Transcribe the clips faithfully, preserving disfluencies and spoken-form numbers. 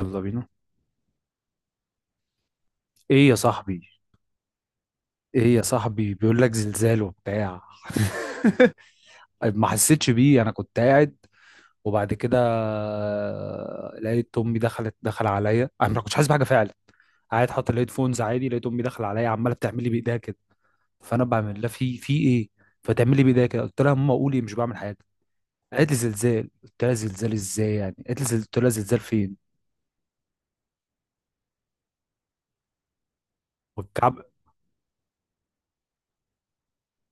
يلا بينا. ايه يا صاحبي؟ ايه يا صاحبي، بيقول لك زلزال وبتاع. ما حسيتش بيه، انا كنت قاعد. وبعد كده آه، لقيت امي دخلت دخل عليا، انا ما كنتش حاسس بحاجه فعلا. قاعد حاطط الهيدفونز عادي، لقيت امي داخله عليا، عماله بتعمل لي بايديها كده. فانا بعمل لها في في ايه؟ فتعمل لي بايديها كده، قلت لها ماما قولي، مش بعمل حاجه. قالت لي زلزال، قلت لها زلزال ازاي يعني؟ قالت لي زل- قلت لها زلزال فين؟ والكعب،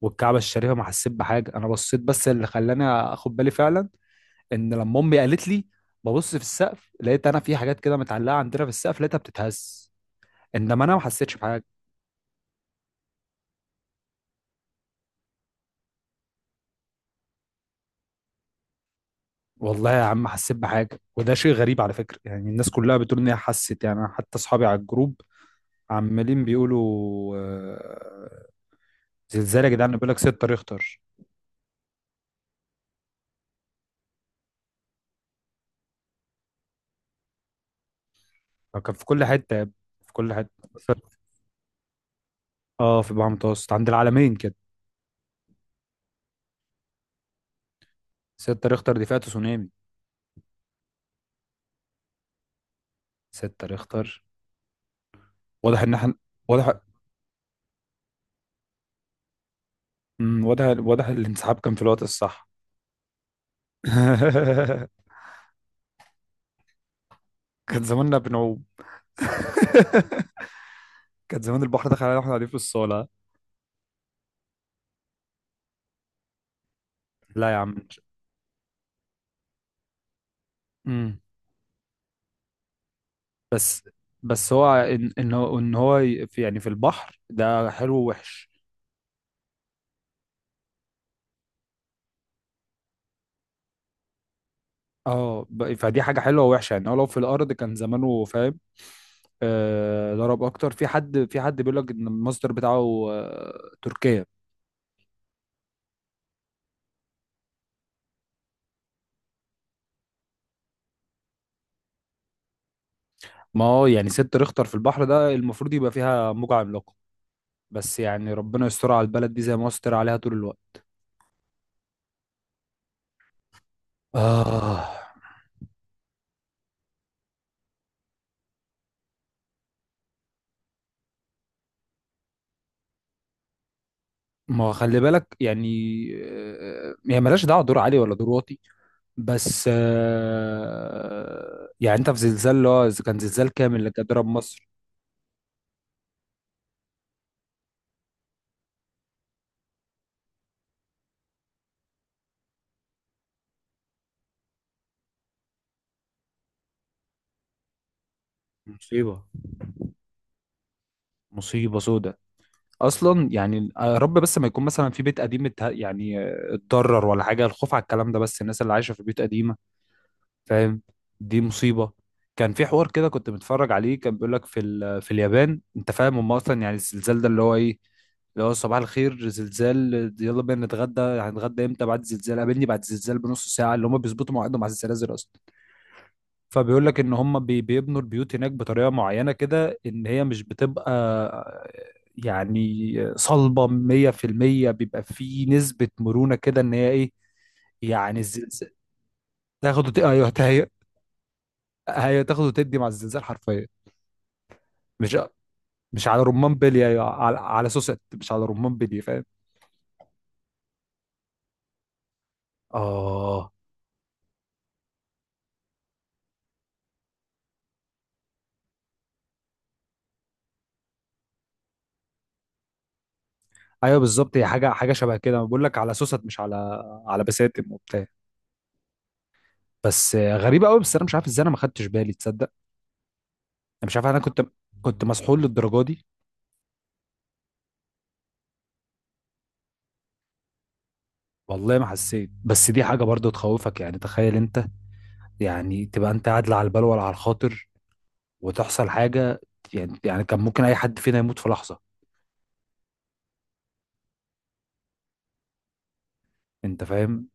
والكعبه الشريفه ما حسيت بحاجه، انا بصيت. بس اللي خلاني اخد بالي فعلا، ان لما امي قالت لي، ببص في السقف لقيت انا في حاجات كده متعلقه عندنا في السقف، لقيتها بتتهز. انما انا ما حسيتش بحاجه. والله يا عم حسيت بحاجه، وده شيء غريب على فكره، يعني الناس كلها بتقول ان هي حست، يعني أنا حتى اصحابي على الجروب عمالين بيقولوا آه، زلزال يا جدعان، بيقول لك 6 ريختر. كان في كل حته يا ابني، في كل حته. في- اه في بحر متوسط عند العالمين كده. 6 ريختر دي فئة تسونامي. 6 ريختر، واضح ان احنا، واضح. مم. واضح، واضح الانسحاب كان في الوقت الصح. كان زماننا بنعوم. كان زمان البحر دخل علينا واحنا قاعدين في الصالة. لا يا عم. امم. بس بس هو ان ان هو ان هو ي- في يعني في البحر ده حلو ووحش. اه، ب- فدي حاجة حلوة ووحشة، يعني هو لو في الأرض كان زمانه، فاهم؟ آه، ضرب أكتر، في حد في حد بيقول لك إن المصدر بتاعه آه تركيا. ما هو يعني ست ريختر في البحر ده المفروض يبقى فيها موجة عملاقة. بس يعني ربنا يستر على البلد دي زي ما هو ستر عليها طول الوقت. آه. ما هو خلي بالك يعني. آه، يعني ملهاش دعوه دور عالي ولا دور واطي. بس آه، يعني انت في زلزال اللي هو، إذا كان زلزال كامل اللي كان ضرب مصر. مصيبه، مصيبه سودة. اصلا يعني، آه، يا رب بس ما يكون مثلا في بيت قديم اتها- يعني آه، اتضرر ولا حاجه، الخوف على الكلام ده بس الناس اللي عايشه في بيوت قديمه، فاهم، دي مصيبه. كان في حوار كده كنت متفرج عليه، كان بيقول لك في ال- في اليابان، انت فاهم، هم اصلا يعني الزلزال ده اللي هو ايه، اللي هو صباح الخير زلزال، يلا بينا نتغدى، هنتغدى امتى؟ بعد الزلزال. قابلني بعد الزلزال بنص ساعه. اللي هم بيظبطوا مواعيدهم على الزلازل اصلا. فبيقول لك ان هم بي- بيبنوا البيوت هناك بطريقه معينه كده، ان هي مش بتبقى يعني صلبه مية في المية، بيبقى في نسبه مرونه كده، ان هي ايه، يعني الزلزال، تاخد وت... ايوه، هي، هي تاخد وتدي مع الزلزال حرفيا. مش مش على رمان بلي، ايوه، على على سوست، مش على رمان بلي، فاهم. اه، ايوه، بالظبط، هي حاجه حاجه شبه كده، بقول لك على سوست، مش على على بساتم وبتاع. بس آه، غريبه قوي، بس انا مش عارف ازاي انا ما خدتش بالي، تصدق. انا مش عارف، انا كنت كنت مسحول للدرجه دي. والله ما حسيت، بس دي حاجه برضو تخوفك، يعني تخيل انت، يعني تبقى انت قاعد لا على البال ولا على الخاطر، وتحصل حاجه، يعني يعني كان ممكن اي حد فينا يموت في لحظه، انت فاهم؟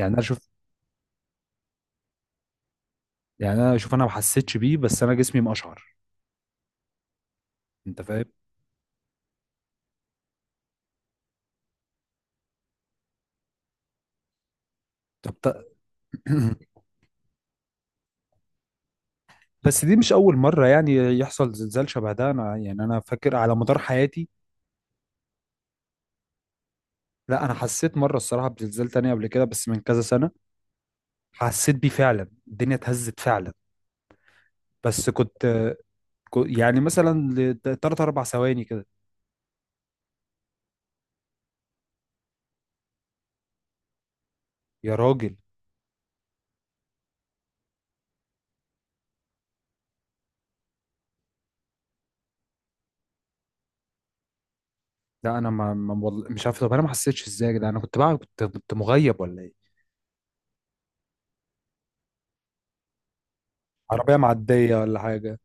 يعني انا شوف يعني انا شوف انا ما حسيتش بيه، بس انا جسمي مقشعر، انت فاهم؟ طب ت- بس دي مش أول مرة يعني يحصل زلزال شبه ده. أنا يعني أنا فاكر على مدار حياتي، لا، أنا حسيت مرة الصراحة بزلزال تاني قبل كده، بس من كذا سنة، حسيت بيه فعلا، الدنيا اتهزت فعلا. بس كنت، كو- يعني مثلا لتلات أربع ثواني كده. يا راجل. لا، أنا ما ما- والله مش عارف، طب أنا ما حسيتش إزاي، ده أنا كنت بقى كنت كنت مغيب ولا إيه. عربية معدية ولا حاجة.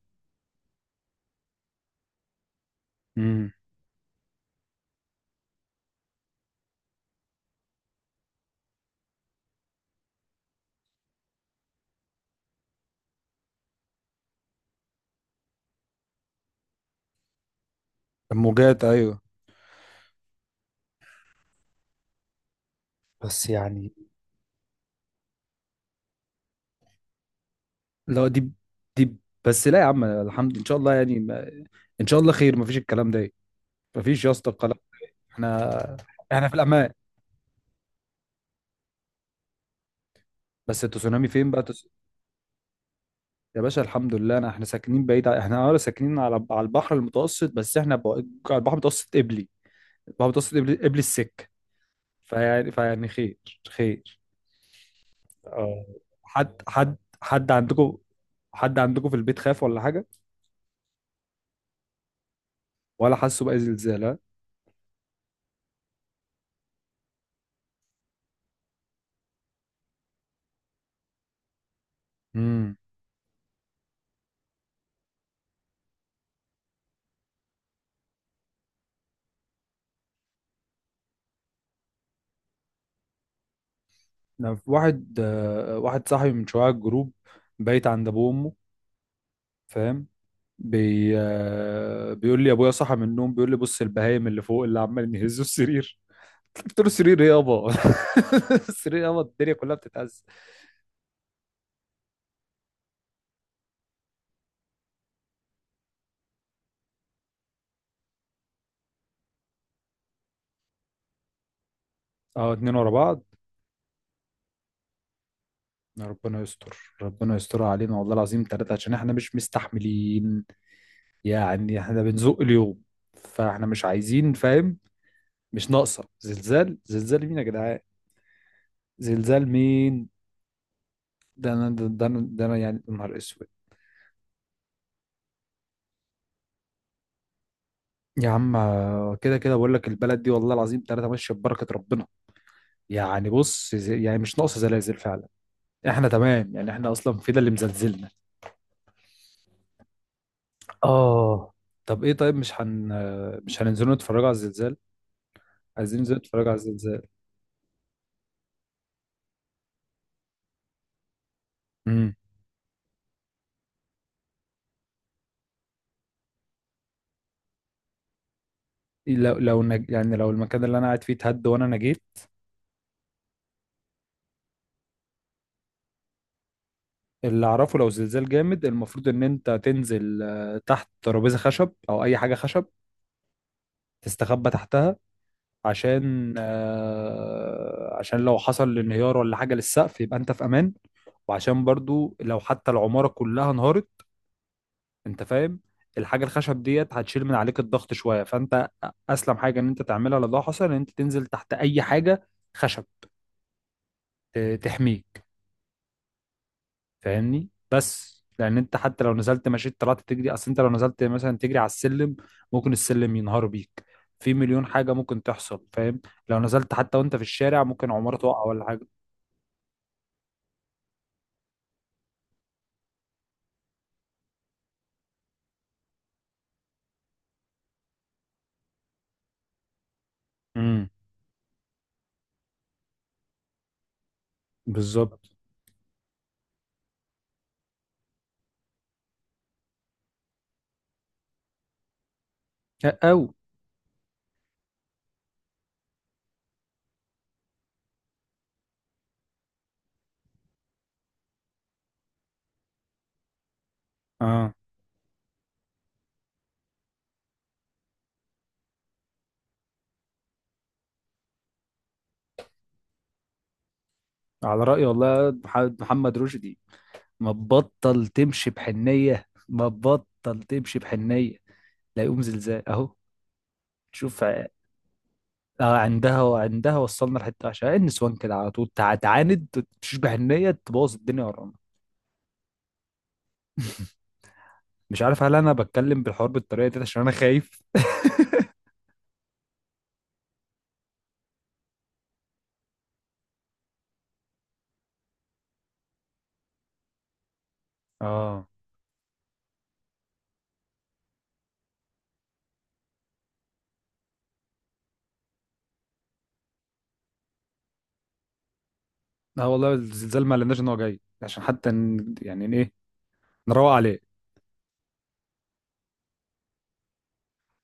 امم. الموجات، أيوه. بس يعني. لا، دي دي بس. لا يا عم الحمد، ان شاء الله يعني ما- ان شاء الله خير، ما فيش الكلام ده، مفيش يا اسطى الكلام. احنا احنا في الامان. بس التسونامي فين بقى، تس... يا باشا الحمد لله، انا احنا ساكنين بعيد، ع- احنا اه ساكنين على على البحر المتوسط، بس احنا بقى، على البحر المتوسط قبلي. البحر المتوسط قبلي قبلي السكه. فيعني فيعني خير. خير. اه، حد حد حد عندكم، حد عندكم في البيت خاف ولا حاجه، ولا حسوا باي زلزال، ها؟ امم. انا في واحد آه، واحد صاحبي من شويه على الجروب، بيت عند ابوه وامه، فاهم، بي... آه، بيقول لي ابويا صحى من النوم، بيقول لي بص البهايم اللي فوق اللي عمالين يهزوا السرير. قلت له السرير ايه يابا، السرير يابا الدنيا كلها بتتهز. اه، اتنين ورا بعض. يا ربنا يستر، ربنا يسترها علينا والله العظيم ثلاثة، عشان احنا مش مستحملين، يعني احنا بنزق اليوم، فاحنا مش عايزين، فاهم، مش ناقصة زلزال. زلزال مين يا جدعان؟ زلزال مين؟ ده انا ده ده انا ده أنا يعني، يا نهار اسود. يا عم، آه، كده كده بقول لك، البلد دي والله العظيم ثلاثة ماشية ببركة ربنا، يعني بص، ز- يعني مش ناقصه زلازل فعلا. احنا تمام، يعني احنا اصلا في ده اللي مزلزلنا. اه. طب ايه، طيب مش هن مش هننزلوا نتفرجوا على الزلزال؟ عايزين ننزل نتفرج على الزلزال. امم. لو لو نج... يعني لو المكان اللي انا قاعد فيه اتهد وانا نجيت. اللي اعرفه لو زلزال جامد، المفروض ان انت تنزل آه، تحت ترابيزه خشب او اي حاجه خشب، تستخبى تحتها، عشان آه، عشان لو حصل انهيار ولا حاجه للسقف يبقى انت في امان، وعشان برضو لو حتى العماره كلها انهارت، انت فاهم، الحاجه الخشب ديت هتشيل من عليك الضغط شويه، فانت اسلم حاجه ان انت تعملها لو ده حصل، ان انت تنزل تحت اي حاجه خشب ت- تحميك، فاهمني. بس لان انت حتى لو نزلت مشيت طلعت تجري، اصل انت لو نزلت مثلا تجري على السلم، ممكن السلم ينهار بيك، في مليون حاجه ممكن تحصل، فاهم؟ لو نزلت حتى وانت في الشارع، ممكن عماره توقع ولا حاجه. امم. بالظبط. او. اه. على راي، والله، مح- محمد رشدي، ما تبطل تمشي بحنية، ما تبطل تمشي بحنية، لا يقوم زلزال اهو. تشوف، ع- آه، عندها وعندها، وصلنا لحتة، عشان النسوان كده على طول تع- تعاند، تشوش بحنية، تبوظ الدنيا ورانا. مش عارف هل انا بتكلم بالحوار بالطريقة دي عشان انا خايف؟ اه. لا والله، الزلزال ما قالناش ان هو جاي عشان حتى ن- يعني ن- ايه، نروق عليه.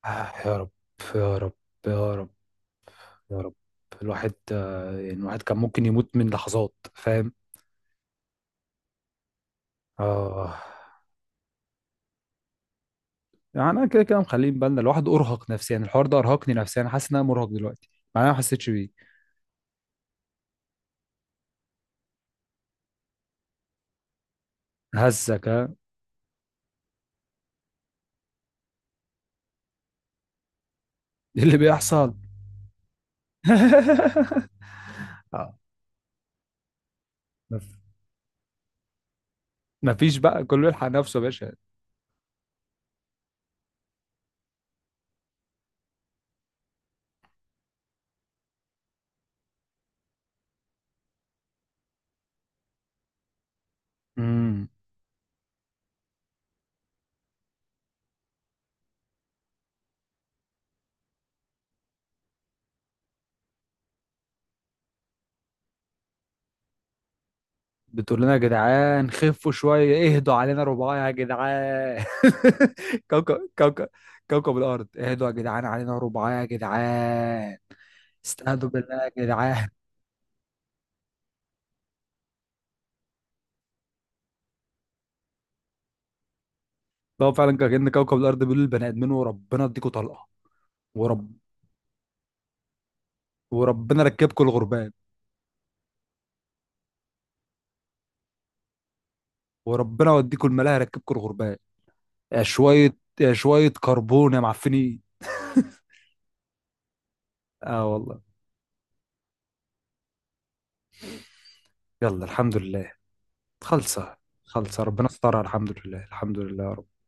آه، يا رب. يا رب. يا رب. يا رب. الواحد آه، يعني الواحد كان ممكن يموت من لحظات، فاهم؟ اه. يعني انا كده كده مخليه بالنا، الواحد ارهق نفسيا، الحوار ده ارهقني نفسيا، حاسس ان انا مرهق دلوقتي، مع إن انا ما حسيتش بيه. هزك، ها؟ إيه اللي بيحصل؟ آه، مف- مفيش بقى، كله يلحق نفسه يا باشا. امم. بتقول لنا يا جدعان خفوا شويه، اهدوا علينا رباعي يا جدعان. كوكب كوكب كوكب الارض اهدوا يا جدعان، علينا رباعي يا جدعان، استهدوا بالله يا جدعان. هو فعلا كان كوكب الارض بيقول للبني ادمين، وربنا اديكوا طلقه، ورب وربنا ركبكم الغربان، وربنا يوديكم الملاهي، ركبكم الغربان، يا شويه يا شويه كربون يا معفنين. اه والله. يلا الحمد لله. خلصه، خلصه ربنا استرها، الحمد لله، الحمد لله يا رب.